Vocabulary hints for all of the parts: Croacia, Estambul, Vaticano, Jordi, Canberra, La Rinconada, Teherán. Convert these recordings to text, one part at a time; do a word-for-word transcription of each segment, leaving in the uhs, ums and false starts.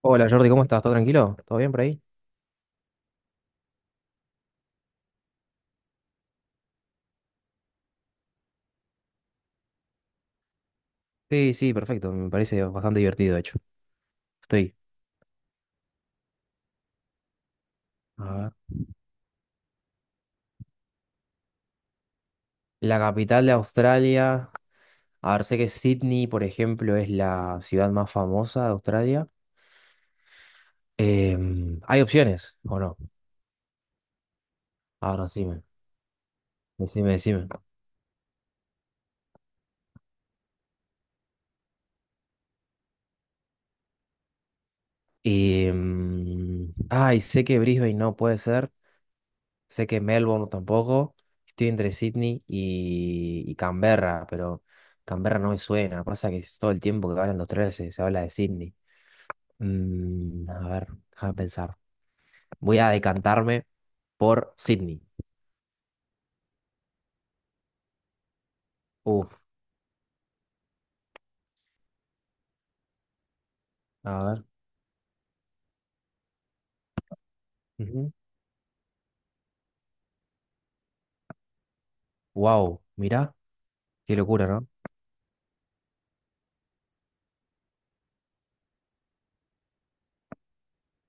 Hola Jordi, ¿cómo estás? ¿Todo tranquilo? ¿Todo bien por ahí? Sí, sí, perfecto. Me parece bastante divertido, de hecho. Estoy. A ver. La capital de Australia. A ver, sé que Sydney, por ejemplo, es la ciudad más famosa de Australia. Em, ¿hay opciones o no? Ahora decime, decime, decime. Y, em, ay, sé que Brisbane no puede ser. Sé que Melbourne tampoco. Estoy entre Sydney y, y Canberra, pero Canberra no me suena. Pasa que es todo el tiempo que hablan de Australia se se habla de Sydney. Mm, a ver, déjame pensar. Voy a decantarme por Sydney. Uf, a ver. Wow, mirá, qué locura, ¿no?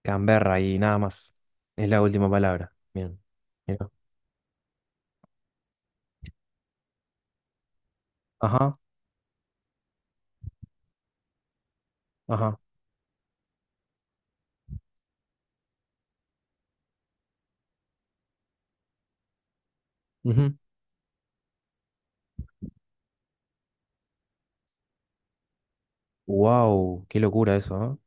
Canberra y nada más. Es la última palabra. Bien. Mirá. Ajá, ajá. Wow, qué locura eso, ¿no?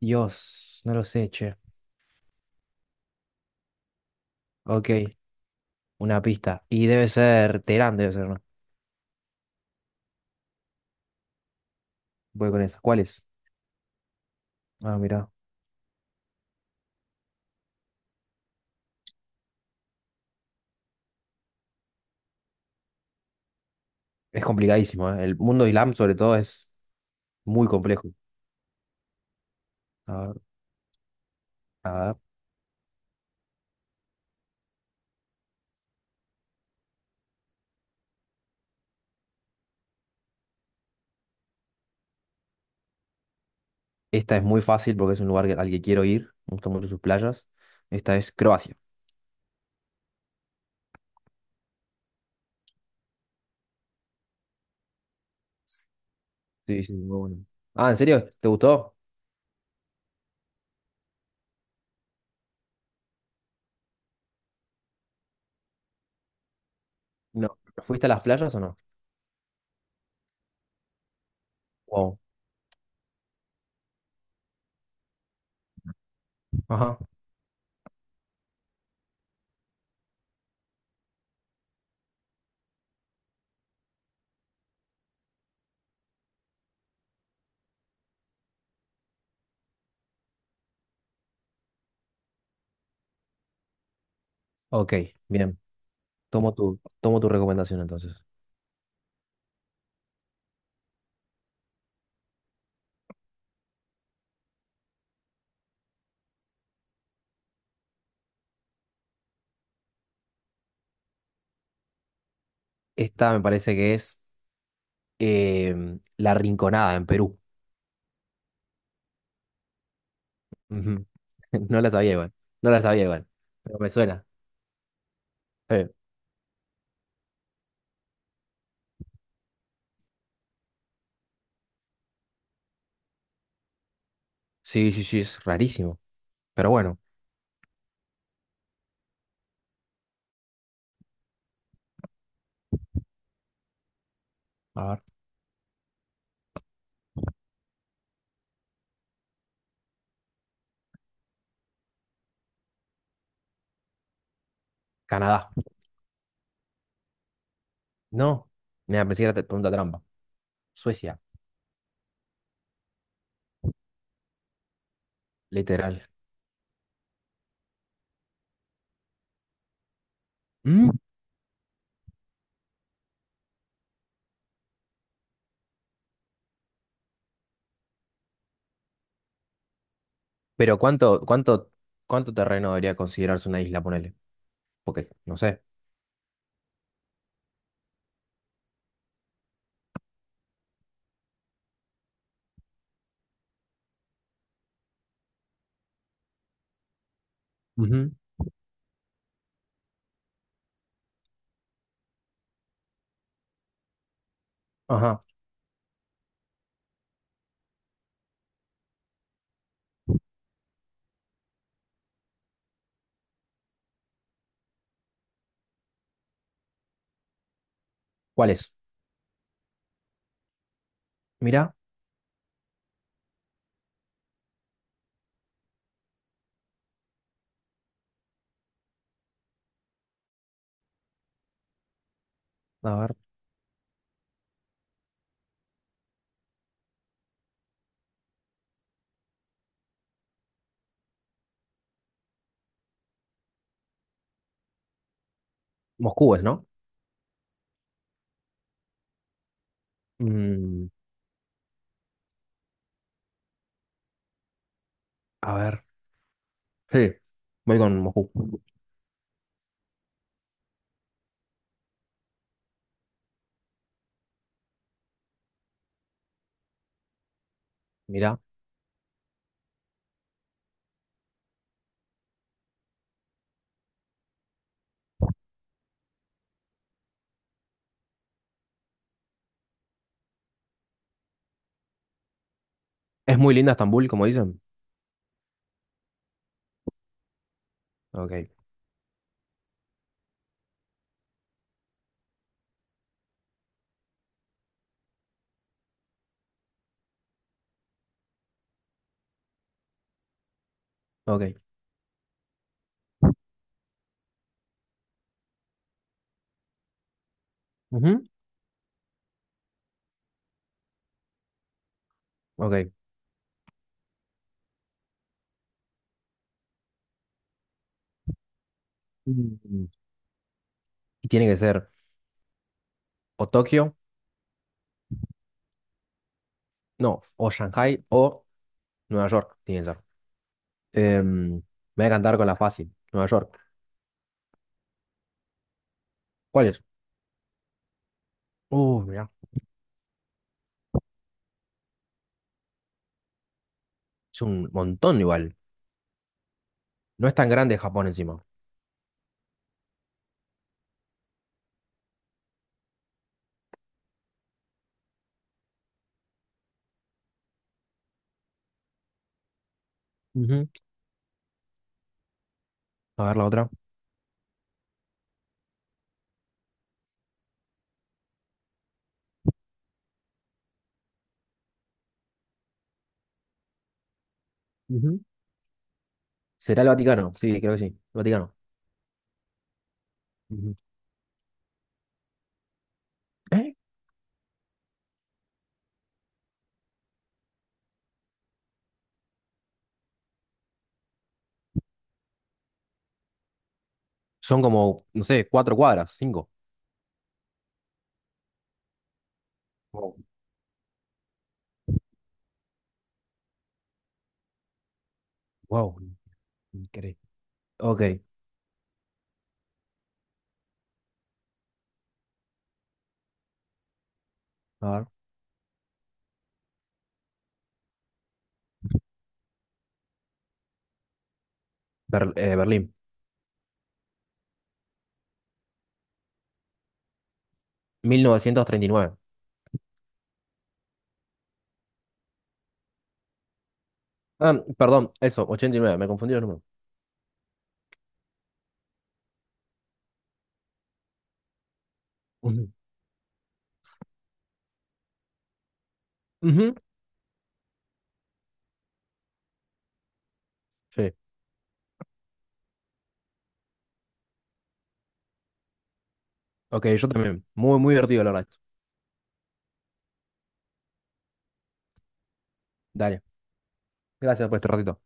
Dios, no lo sé, che. Ok, una pista. Y debe ser Teherán, debe ser, ¿no? Voy con esa. ¿Cuál es? Ah, mirá. Es complicadísimo, ¿eh? El mundo islam, sobre todo, es muy complejo. A ver, a ver. Esta es muy fácil porque es un lugar que- al que quiero ir. Me gustan mucho sus playas. Esta es Croacia. Sí, sí, muy bueno. Ah, ¿en serio? ¿Te gustó? No. ¿Fuiste a las playas o no? Wow. Ajá. Ok, bien. Tomo tu, tomo tu recomendación entonces. Esta me parece que es em, La Rinconada en Perú. Ujú. No la sabía igual. No la sabía igual. Pero me suena. Eh, Sí, sí, sí, es rarísimo. Pero bueno. A ver. Canadá. No. Me pensé que era te- pregunta trampa. Suecia, literal. Mm. Pero ¿cuánto, cuánto, cuánto terreno debería considerarse una isla, ponele? Porque, no sé. Ujú. Ajá. ¿Cuál es? Mirá, a ver. Moscú es, ¿no? Mm, a ver. Sí. Voy con Moscú. Mira, es muy linda Estambul, como dicen. Ok, ok, ujú. Ok. Mm. Y tiene que ser o Tokio, no, o Shanghai o Nueva York, tiene que ser. Em, me voy a cantar con la fácil. Nueva York. ¿Cuál es? Uh, mirá. Es un montón igual. No es tan grande Japón encima. A ver la otra. Ujú, ¿será el Vaticano? Sí, creo que sí. El Vaticano. Ujú. ¿Eh? Son como, no sé, cuatro cuadras, cinco. Wow, wow, increíble. Ok, a ver. Ber- eh, Berlín, mil novecientos treinta y nueve. Ah, perdón, eso, ochenta y nueve, me confundí los números. Ujú. Ujú, sí, ok, yo también. Muy, muy divertido, la verdad. Dale, gracias por este ratito.